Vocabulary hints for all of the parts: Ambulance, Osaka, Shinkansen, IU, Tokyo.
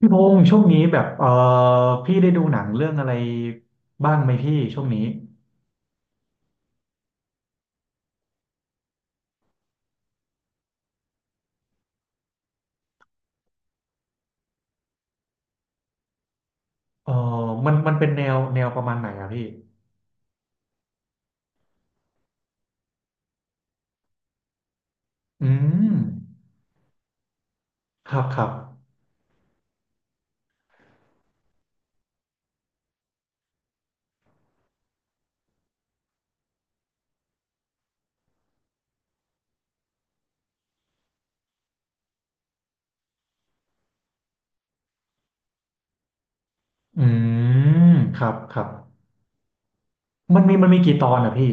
พี่พงษ์ช่วงนี้แบบพี่ได้ดูหนังเรื่องอะไรบ้างไหมพี่ช่วงนี้เออมันเป็นแนวประมาณไหนอะพี่อืมครับครับอืมครับครับมันมีกี่ตอนอะพี่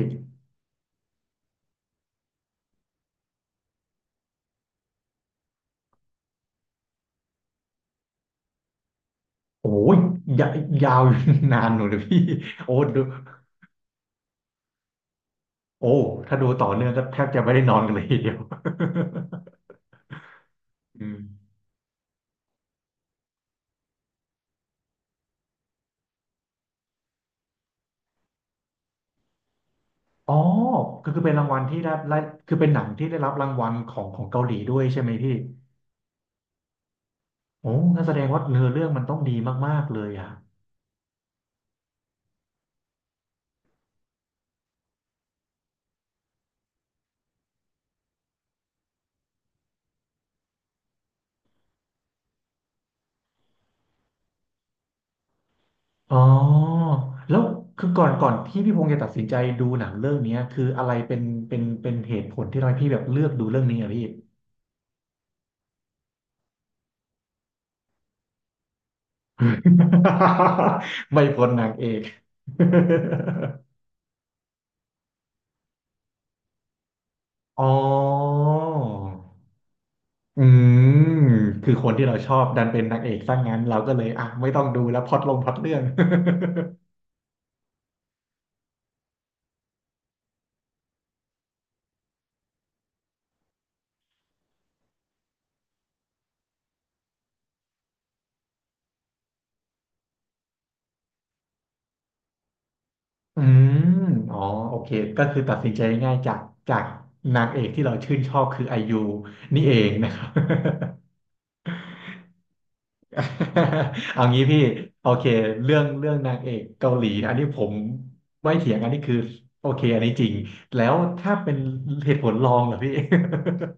โอ้ยยายาว นานหนูเลยพี่ โอ้ดูโอ้ถ้าดูต่อเนื่องก็แทบจะไม่ได้นอนกันเลยทีเดียว อืมอ๋อก็คือเป็นรางวัลที่ได้คือเป็นหนังที่ได้รับรางวัลของเกาหลีด้วยใช่ไหมพี่ โอ้งั้นแสดงว่าเนื้อเรื่องมันต้องดีมากๆเลยอ่ะอ๋อแล้วคือก่อนที่พี่พงศ์จะตัดสินใจดูหนังเรื่องเนี้ยคืออะไรเป็นเหตุผลที่ทำให้พี่แบบเลือกดูเรื่องนี้อ่ะพี่ ไม่พ้นนางเอก อ๋ออืมคือคนที่เราชอบดันเป็นนางเอกซะงั้นเราก็เลยอ่ะไม่ต้องดูแล้วพล็อตลงพล็อตเรื่อง อืมอ๋อโอเค ก็คือตัดสินใจง่ายจากจากนางเอกที่เราชื่นชอบคือไอยูนี่เองนะครับ เอางี้พี่โอเคเรื่องนางเอกเกาหลีนะอันนี้ผมไม่เถียงอันนี้คือโอเคอันนี้จริงแล้วถ้าเป็นเหตุผลรองเหรอพี่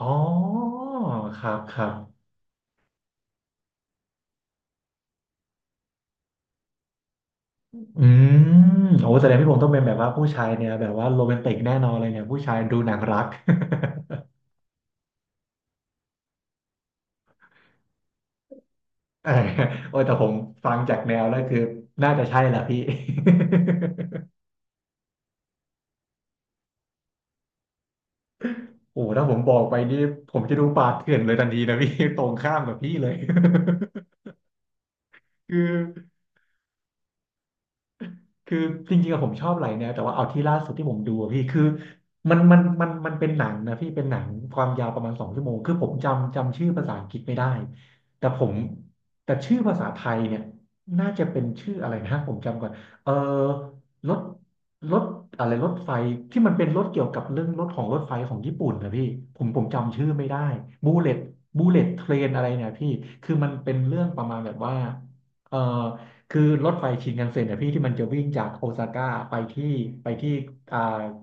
อ๋อครับครับอืมโอ้แสดงพี่ผมต้องเป็นแบบว่าผู้ชายเนี่ยแบบว่าโรแมนติกแน่นอนเลยเนี่ยผู้ชายดูหนังรัก เออ โอ้ยแต่ผมฟังจากแนวแล้วคือน่าจะใช่แหละพี่ โอ้ถ้าผมบอกไปนี่ผมจะดูป่าเถื่อนเลยทันทีนะพี่ ตรงข้ามกับพี่เลย คือ คือจริงๆอะผมชอบหลายแนวแต่ว่าเอาที่ล่าสุดที่ผมดูอะพี่คือมันเป็นหนังนะพี่เป็นหนังความยาวประมาณ2 ชั่วโมงคือผมจำชื่อภาษาอังกฤษไม่ได้แต่ผมแต่ชื่อภาษาไทยเนี่ยน่าจะเป็นชื่ออะไรนะผมจำก่อนเออรถรถอะไรรถไฟที่มันเป็นรถเกี่ยวกับเรื่องรถของรถไฟของญี่ปุ่นนะพี่ผมจำชื่อไม่ได้บูเลตบูเลตเทรนอะไรเนี่ยพี่คือมันเป็นเรื่องประมาณแบบว่าเออ คือรถไฟชินคันเซ็นเนี่ยพี่ที่มันจะวิ่งจากโอซาก้าไปที่ไปที่อ่า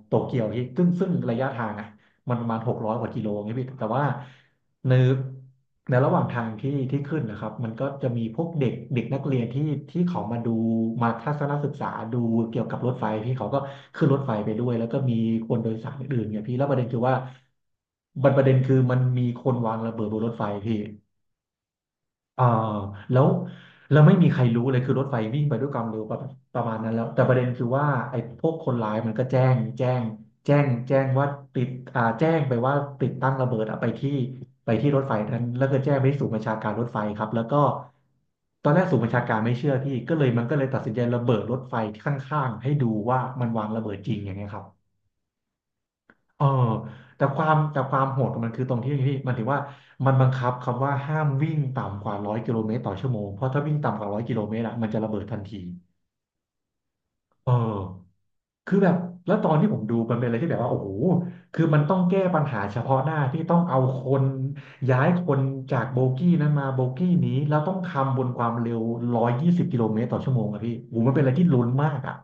โตเกียวที่ซึ่งระยะทางอ่ะมันประมาณ600กว่ากิโลเงี้ยพี่แต่ว่าในในระหว่างทางที่ที่ขึ้นนะครับมันก็จะมีพวกเด็กเด็กนักเรียนที่ที่เขามาดูมาทัศนศึกษาดูเกี่ยวกับรถไฟพี่เขาก็ขึ้นรถไฟไปด้วยแล้วก็มีคนโดยสารอื่นๆเนี่ยพี่แล้วประเด็นคือว่าประเด็นคือมันมีคนวางระเบิดบนรถไฟพี่ อ่าแล้วไม่มีใครรู้เลยคือรถไฟวิ่งไปด้วยความเร็วประมาณนั้นแล้วแต่ประเด็นคือว่าไอ้พวกคนร้ายมันก็แจ้งว่าติดแจ้งไปว่าติดตั้งระเบิดอะไปที่ไปที่รถไฟนั้นแล้วก็แจ้งไปที่ศูนย์บัญชาการรถไฟครับแล้วก็ตอนแรกศูนย์บัญชาการไม่เชื่อพี่ก็เลยตัดสินใจระเบิดรถไฟข้างๆให้ดูว่ามันวางระเบิดจริงอย่างเงี้ยครับ เออแต่ความโหดของมันคือตรงที่ที่มันถือว่ามันบังคับคำว่าห้ามวิ่งต่ำกว่า100 กิโลเมตรต่อชั่วโมงเพราะถ้าวิ่งต่ำกว่าร้อยกิโลเมตรอะมันจะระเบิดทันทีเออคือแบบแล้วตอนที่ผมดูมันเป็นอะไรที่แบบว่าโอ้โหคือมันต้องแก้ปัญหาเฉพาะหน้าที่ต้องเอาคนย้ายคนจากโบกี้นั้นมาโบกี้นี้แล้วต้องทำบนความเร็ว120 กิโลเมตรต่อชั่วโมงอะพี่โอ้โหมันเป็นอะไรที่ลุ้นมากอะ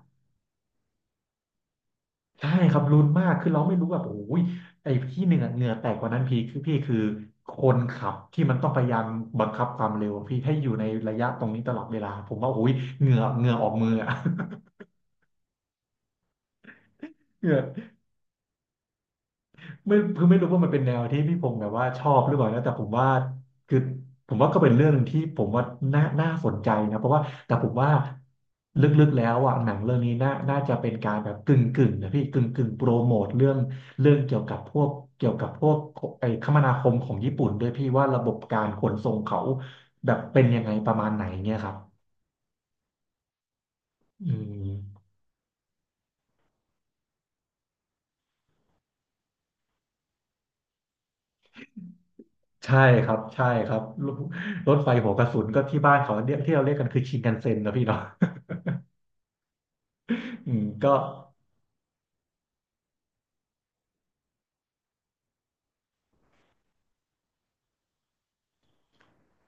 ใช่ครับลุ้นมากคือเราไม่รู้แบบโอ้ยไอ้ที่เหนื่อยเหงื่อแตกกว่านั้นพี่คือคนขับที่มันต้องพยายามบังคับความเร็วอะพี่ให้อยู่ในระยะตรงนี้ตลอดเวลาผมว่าโอ้ยเหงื่อออกมืออะ เหงื่อ ไม่คือไม่รู้ว่ามันเป็นแนวที่พี่พงศ์แบบว่าชอบหรือเปล่านะแต่ผมว่าคือผมว่าก็เป็นเรื่องหนึ่งที่ผมว่าน่าสนใจนะเพราะว่าแต่ผมว่าลึกๆแล้วอ่ะหนังเรื่องนี้น่าจะเป็นการแบบกึ่งนะพี่กึ่งโปรโมทเรื่องเกี่ยวกับพวกเกี่ยวกับพวกไอ้คมนาคมของญี่ปุ่นด้วยพี่ว่าระบบการขนส่งเขาแบบเป็นยังไงประมาณไหนเนี่ยครับอืมใช่ครับใช่ครับรถไฟหัวกระสุนก็ที่บ้านเขาเนี่ยที่เราเรียกกันคือชินคันเซ็นนะพี่เนาะ อืมก็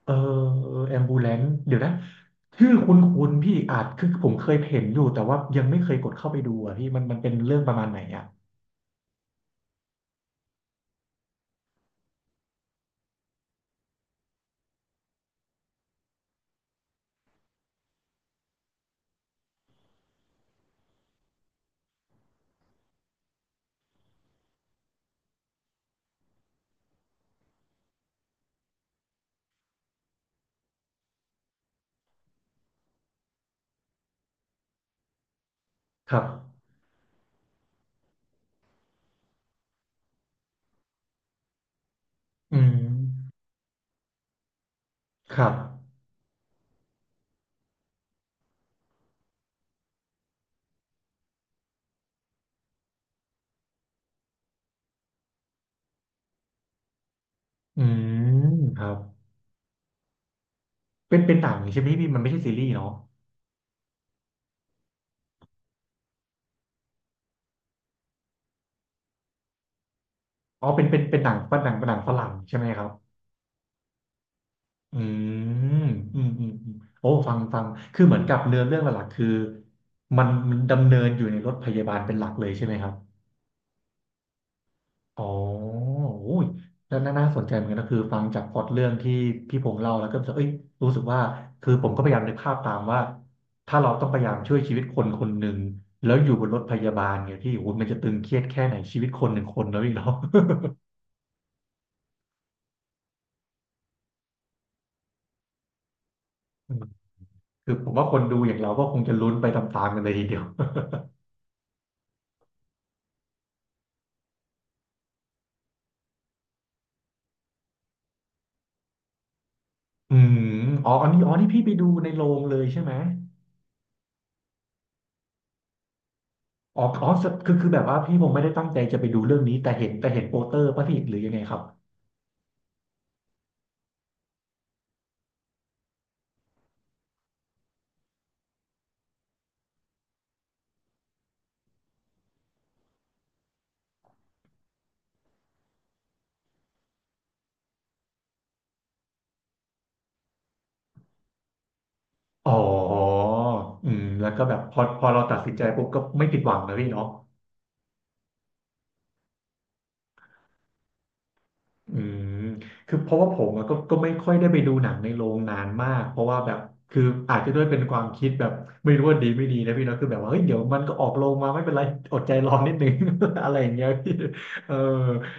เออแอมบูเลนเดี๋ยวนะชื่อคุ้นคุ้นพี่อาจคือผมเคยเห็นอยู่แต่ว่ายังไม่เคยกดเข้าไปดูอ่ะพี่มันเป็นเรื่องประมาณไหนอ่ะครับอืมครับอืมครับเป็นเป็นหนังใช่ไหมพี่มันไม่ใช่ซีรีส์เนาะอ๋อเป็นหนังเป็นหนังฝรั่งใช่ไหมครับอืมอืมอืมอืมโอ้ฟังคือเหมือนกับเนื้อเรื่องหลักๆคือมันดำเนินอยู่ในรถพยาบาลเป็นหลักเลยใช่ไหมครับ อ๋อโอ้ยแล้วน่าสนใจเหมือนกันนะคือฟังจากพล็อตเรื่องที่พี่พงษ์เล่าแล้วก็รู้สึกเอ้ยรู้สึกว่าคือผมก็พยายามนึกภาพตามว่าถ้าเราต้องพยายามช่วยชีวิตคนคนหนึ่งแล้วอยู่บนรถพยาบาลเนี่ยที่โอ้โหมันจะตึงเครียดแค่ไหนชีวิตคนหนึ่งคนแล้วอีกเนาะ คือผมว่าคนดูอย่างเราก็คงจะลุ้นไปตามๆกันเลยทีเดียว อืมอ๋ออันนี้อ๋อนี่พี่ไปดูในโรงเลยใช่ไหมอ๋ออ๋อคือแบบว่าพี่ผมไม่ได้ตั้งใจจะไปดูเรื่องนี้แต่เห็นโปสเตอร์ป่ะพี่หรือยังไงครับ อ๋ออืมแล้วก็แบบพอเราตัดสินใจปุ๊บก็ไม่ผิดหวังนะพี่เนาะอืมคือเพราะว่าผมอะก็ไม่ค่อยได้ไปดูหนังในโรงนานมากเพราะว่าแบบคืออาจจะด้วยเป็นความคิดแบบไม่รู้ว่าดีไม่ดีนะพี่เนาะคือแบบว่าเฮ้ยเดี๋ยวมันก็ออกโรงมาไม่เป็นไรอดใจรอนิดนึง อะไรอย่างเงี้ยพี่เออ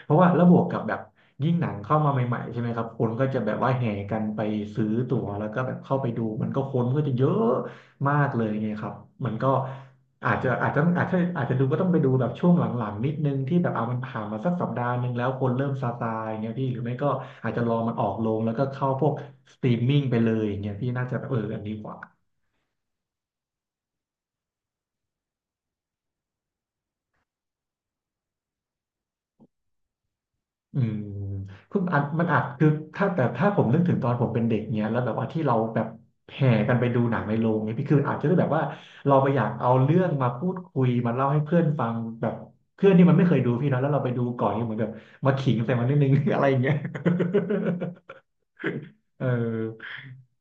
เพราะว่าแล้วบวกกับแบบยิ่งหนังเข้ามาใหม่ๆใช่ไหมครับคนก็จะแบบว่าแห่กันไปซื้อตั๋วแล้วก็แบบเข้าไปดูมันก็คนก็จะเยอะมากเลยไงครับมันก็ อาจจะอาจจะอาจจะอาจจะดูก็ต้องไปดูแบบช่วงหลังๆนิดนึงที่แบบเอามันผ่านมาสักสัปดาห์หนึ่งแล้วคนเริ่มซาอย่างเงี้ยพี่หรือไม่ก็อาจจะรอมันออกลงแล้วก็เข้าพวกสตรีมมิ่งไปเลยอย่างเงี้ยพี่น่าจะเอออันนี้กว่า อืมคืออัดมันอัดคือถ้าแต่ถ้าผมนึกถึงตอนผมเป็นเด็กเนี้ยแล้วแบบว่าที่เราแบบแห่กันไปดูหนังในโรงเนี่ยพี่คืออาจจะได้แบบว่าเราไปอยากเอาเรื่องมาพูดคุยมาเล่าให้เพื่อนฟังแบบเพื่อนที่มันไม่เคยดูพี่เนาะแล้วเราไปดูก่อนเนี่ยเหมือนแบบมาขิงใส่มันนิดนึง อะไรอย่างเงี้ย เออ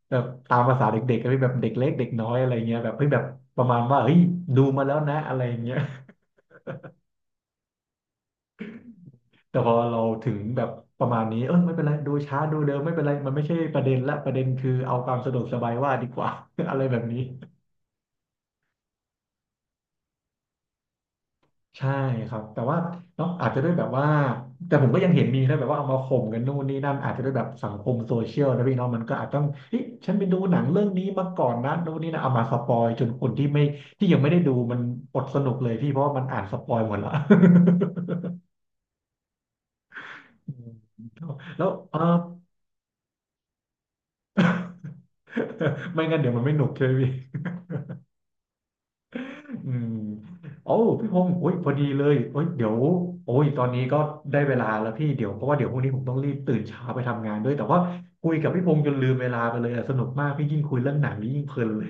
แบบตามภาษาเด็กๆก็เป็นแบบเด็กเล็กเด็กน้อยอะไรเงี้ยแบบเฮ้ยแบบประมาณว่าเฮ้ยดูมาแล้วนะอะไรเงี้ย แต่พอเราถึงแบบประมาณนี้เออไม่เป็นไรดูช้าดูเร็วไม่เป็นไรมันไม่ใช่ประเด็นละประเด็นคือเอาความสะดวกสบายว่าดีกว่า อะไรแบบนี้ใช่ครับแต่ว่าเนาะอาจจะด้วยแบบว่าแต่ผมก็ยังเห็นมีนะแบบว่าเอามาข่มกันนู่นนี่นั่นอาจจะด้วยแบบสังคมโซเชียลนะพี่เนอะมันก็อาจต้องเฮ้ยฉันไปดูหนังเรื่องนี้มาก่อนนะนู่นนี่นะเอามาสปอยจนคนที่ไม่ที่ยังไม่ได้ดูมันอดสนุกเลยพี่เพราะว่ามันอ่านสปอยหมดละ แล้วเออ ไม่งั้นเดี๋ยวมันไม่หนุกใช่ไหมพี่ อืมโอ้พี่พงศ์โอ้ยพอดีเลยโอ้ยเดี๋ยวโอ้ยตอนนี้ก็ได้เวลาแล้วพี่เดี๋ยวเพราะว่าเดี๋ยวพรุ่งนี้ผมต้องรีบตื่นเช้าไปทำงานด้วยแต่ว่าคุยกับพี่พงศ์จนลืมเวลาไปเลยอะสนุกมากพี่ยิ่งคุยเรื่องหนังนี่ยิ่งเพลินเลย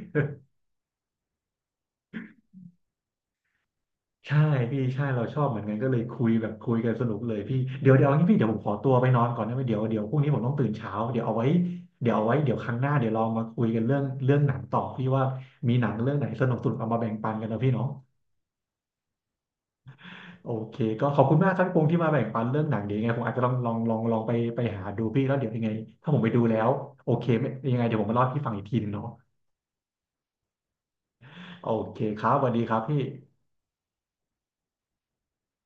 ใช่พี่ใช่เราชอบเหมือนกันก็เลยคุยแบบคุยกันสนุกเลยพี่เดี๋ยวเอางี้พี่เดี๋ยวผมขอตัวไปนอนก่อนนะเดี๋ยวพรุ่งนี้ผมต้องตื่นเช้าเดี๋ยวเอาไว้เดี๋ยวเอาไว้เดี๋ยวครั้งหน้าเดี๋ยวเรามาคุยกันเรื่องเรื่องหนังต่อพี่ว่ามีหนังเรื่องไหนสนุกเอามาแบ่งปันกันนะพี่เนาะ โอเคก็ขอบคุณมากครับพี่พงษ์ที่มาแบ่งปันเรื่องหนังเดี๋ยวยังไงผมอาจจะลองไปหาดูพี่แล้วเดี๋ยวยังไงถ้าผมไปดูแล้วโอเคไม่ยังไงเดี๋ยวผมมาเล่าให้พี่ฟังอีกทีนึงเนาะโอเคครับสวัสดีครับพี่